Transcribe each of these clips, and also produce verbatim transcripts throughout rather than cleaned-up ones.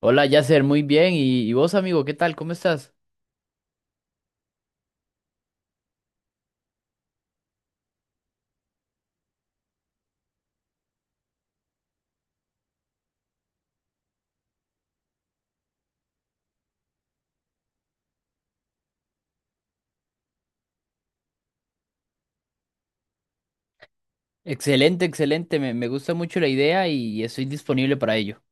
Hola, Yasser, muy bien. ¿Y, y vos, amigo, qué tal? ¿Cómo estás? Excelente, excelente. Me, me gusta mucho la idea y estoy disponible para ello.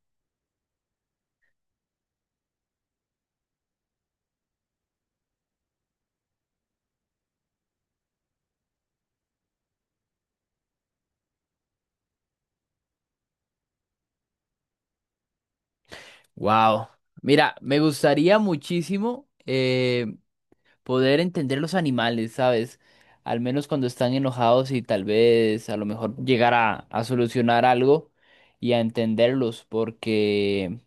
Wow. Mira, me gustaría muchísimo eh, poder entender los animales, ¿sabes? Al menos cuando están enojados y tal vez a lo mejor llegar a, a solucionar algo y a entenderlos, porque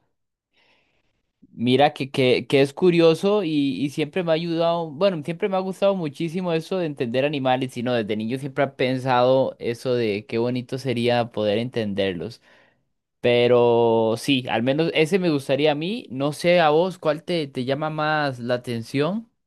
mira que, que, que es curioso y, y siempre me ha ayudado, bueno, siempre me ha gustado muchísimo eso de entender animales, y no, desde niño siempre he pensado eso de qué bonito sería poder entenderlos. Pero sí, al menos ese me gustaría a mí. No sé a vos cuál te, te llama más la atención.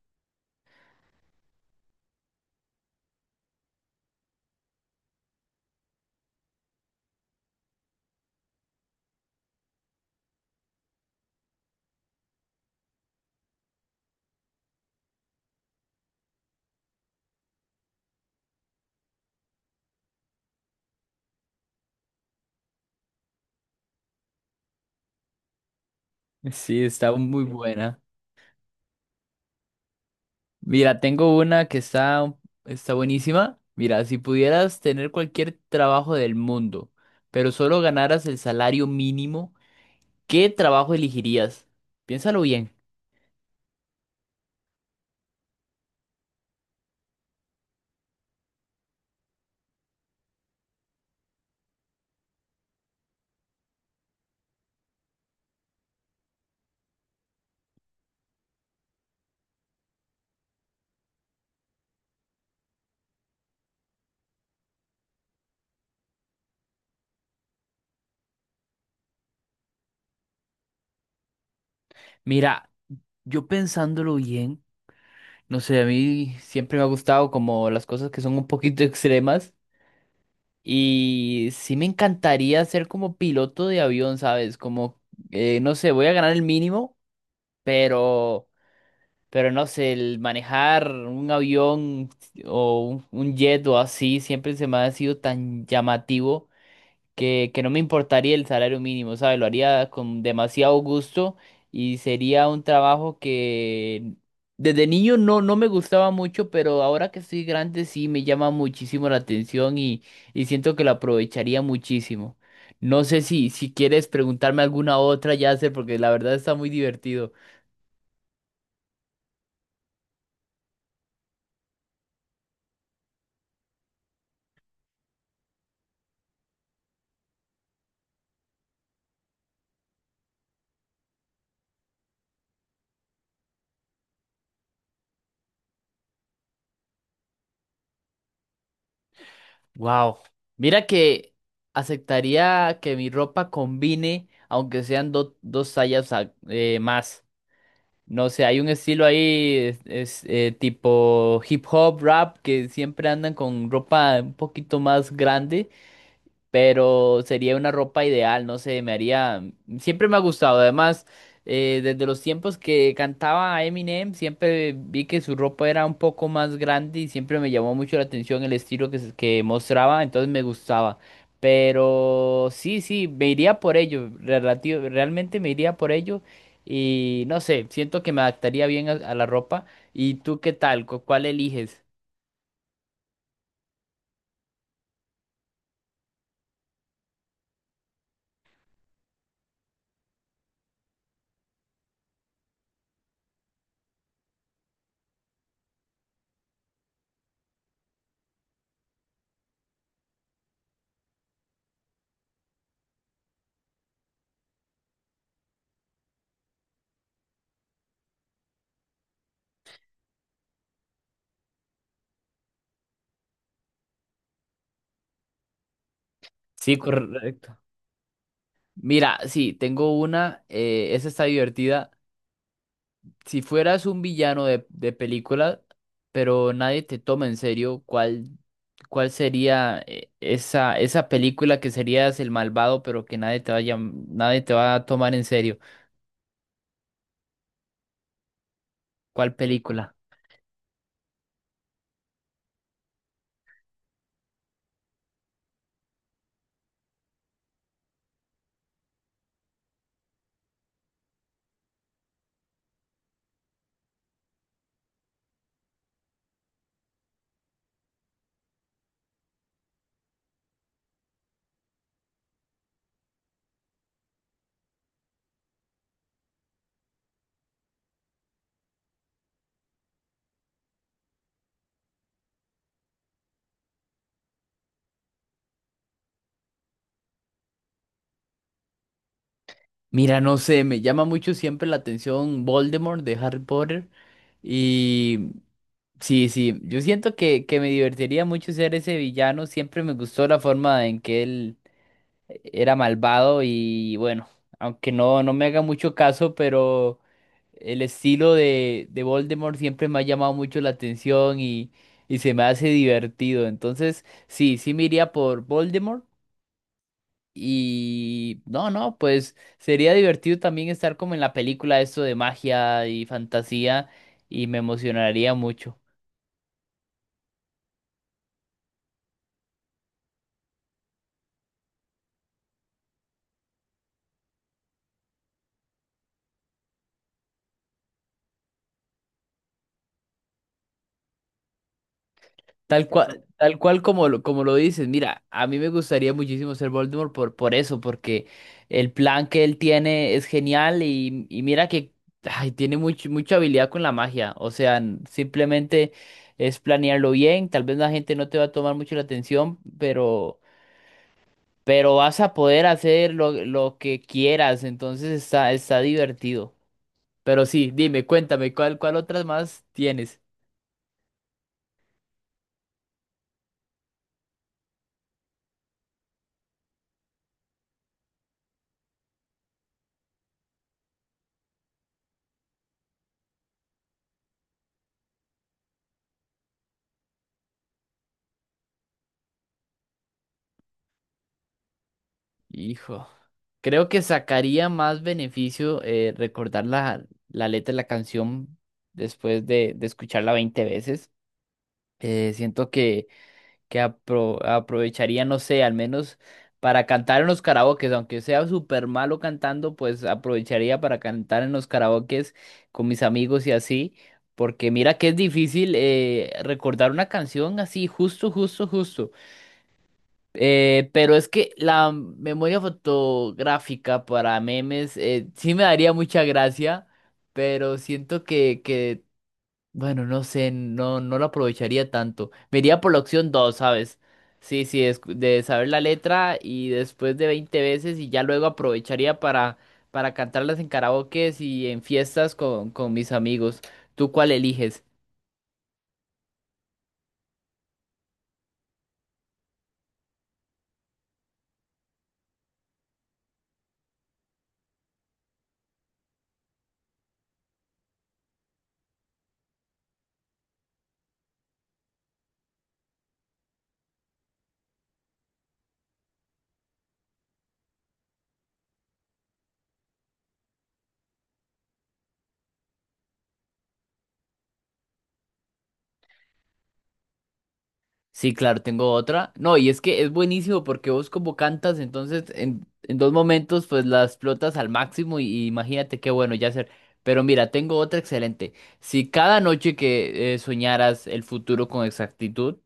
Sí, está muy buena. Mira, tengo una que está, un- está buenísima. Mira, si pudieras tener cualquier trabajo del mundo, pero solo ganaras el salario mínimo. ¿Qué trabajo elegirías? Piénsalo bien. Mira, yo pensándolo bien, no sé, a mí siempre me ha gustado como las cosas que son un poquito extremas y sí me encantaría ser como piloto de avión, ¿sabes? Como, eh, no sé, voy a ganar el mínimo, pero, pero no sé, el manejar un avión o un un jet o así siempre se me ha sido tan llamativo, que, que no me importaría el salario mínimo, ¿sabes? Lo haría con demasiado gusto y sería un trabajo que desde niño no, no me gustaba mucho, pero ahora que estoy grande sí me llama muchísimo la atención y, y siento que lo aprovecharía muchísimo. No sé si, si quieres preguntarme alguna otra, ya sé, porque la verdad está muy divertido. Wow. Mira que aceptaría que mi ropa combine, aunque sean do- dos tallas a- eh, más. No sé, hay un estilo ahí, es, es, eh, tipo hip hop, rap, que siempre andan con ropa un poquito más grande, pero sería una ropa ideal, no sé, me haría, siempre me ha gustado, además, eh, desde los tiempos que cantaba Eminem, siempre vi que su ropa era un poco más grande y siempre me llamó mucho la atención el estilo que, se- que mostraba, entonces me gustaba, pero sí, sí, me iría por ello, relativo, realmente me iría por ello y no sé, siento que me adaptaría bien a, a la ropa y tú qué tal. ¿Cu- cuál eliges? Sí, correcto. Mira, sí, tengo una, eh, esa está divertida. Si fueras un villano de, de película, pero nadie te toma en serio, ¿cuál, cuál sería eh, esa, esa película que serías el malvado, pero que nadie te vaya, nadie te va a tomar en serio? ¿Cuál película? Mira, no sé, me llama mucho siempre la atención Voldemort de Harry Potter y sí, sí, yo siento que, que me divertiría mucho ser ese villano, siempre me gustó la forma en que él era malvado y bueno, aunque no, no me haga mucho caso, pero el estilo de, de Voldemort siempre me ha llamado mucho la atención y, y se me hace divertido. Entonces, sí, sí me iría por Voldemort y no, no, pues sería divertido también estar como en la película esto de magia y fantasía y me emocionaría mucho. Tal cual, tal cual como lo, como lo dices, mira, a mí me gustaría muchísimo ser Voldemort por, por eso, porque el plan que él tiene es genial y, y mira que ay, tiene much- mucha habilidad con la magia, o sea, n- simplemente es planearlo bien, tal vez la gente no te va a tomar mucho la atención, pero, pero vas a poder hacer lo, lo que quieras, entonces está, está divertido. Pero sí, dime, cuéntame, ¿cuál, cuál otras más tienes? Hijo, creo que sacaría más beneficio eh, recordar la, la letra de la canción después de, de escucharla veinte veces. Eh, siento que, que apro- aprovecharía, no sé, al menos para cantar en los karaokes, aunque sea súper malo cantando, pues aprovecharía para cantar en los karaokes con mis amigos y así, porque mira que es difícil eh, recordar una canción así, justo, justo, justo. Eh, pero es que la memoria fotográfica para memes eh, sí me daría mucha gracia, pero siento que, que, bueno, no sé, no, no lo aprovecharía tanto. Me iría por la opción dos, ¿sabes? Sí, sí, es de saber la letra y después de veinte veces y ya luego aprovecharía para, para cantarlas en karaokes y en fiestas con, con mis amigos. ¿Tú cuál eliges? Sí, claro, tengo otra. No, y es que es buenísimo porque vos como cantas, entonces en, en dos momentos pues la explotas al máximo y, y imagínate qué bueno ya hacer. Pero mira, tengo otra excelente. Si cada noche que eh, soñaras el futuro con exactitud,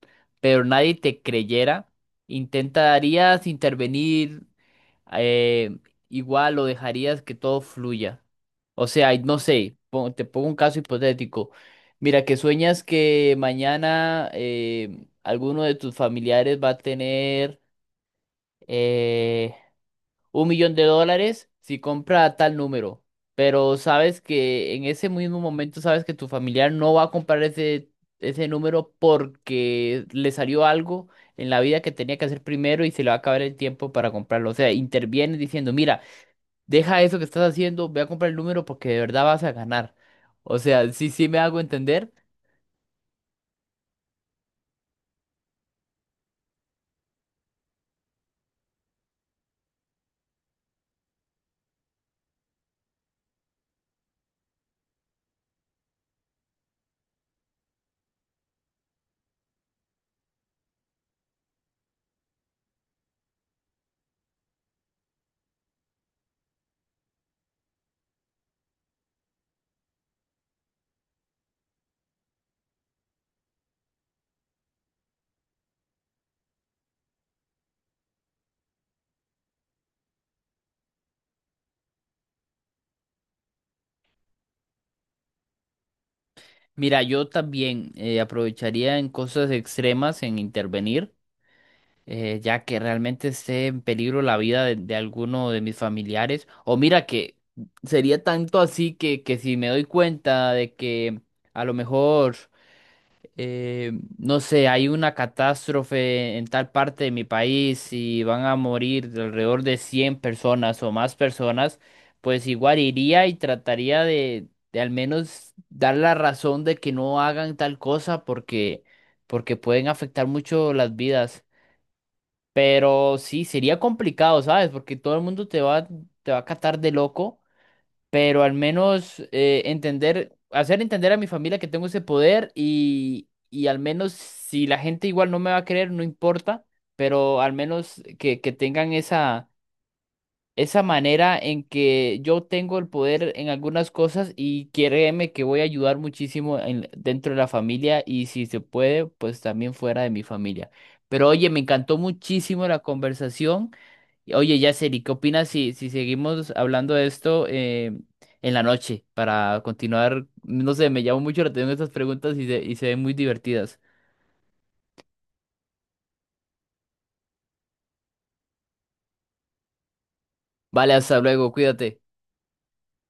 pero nadie te creyera, ¿intentarías intervenir eh, igual lo dejarías que todo fluya? O sea, y no sé, pon- te pongo un caso hipotético. Mira, que sueñas que mañana eh, alguno de tus familiares va a tener eh, un millón de dólares si compra tal número, pero sabes que en ese mismo momento sabes que tu familiar no va a comprar ese, ese número porque le salió algo en la vida que tenía que hacer primero y se le va a acabar el tiempo para comprarlo. O sea, interviene diciendo, mira, deja eso que estás haciendo, ve a comprar el número porque de verdad vas a ganar. O sea, sí, sí me hago entender. Mira, yo también eh, aprovecharía en cosas extremas en intervenir, eh, ya que realmente esté en peligro la vida de, de alguno de mis familiares. O mira que sería tanto así que, que si me doy cuenta de que a lo mejor eh, no sé, hay una catástrofe en tal parte de mi país y van a morir de alrededor de cien personas o más personas, pues igual iría y trataría de, de al menos dar la razón de que no hagan tal cosa porque, porque pueden afectar mucho las vidas. Pero sí, sería complicado, ¿sabes? Porque todo el mundo te va, te va a catar de loco, pero al menos eh, entender, hacer entender a mi familia que tengo ese poder y, y al menos si la gente igual no me va a creer, no importa, pero al menos que, que tengan esa, esa manera en que yo tengo el poder en algunas cosas y créeme que voy a ayudar muchísimo en- dentro de la familia y si se puede, pues también fuera de mi familia. Pero oye, me encantó muchísimo la conversación. Oye, Yaceli, ¿qué opinas si, si seguimos hablando de esto eh, en la noche para continuar? No sé, me llamó mucho la atención estas preguntas y se, y se ven muy divertidas. Vale, hasta luego, cuídate.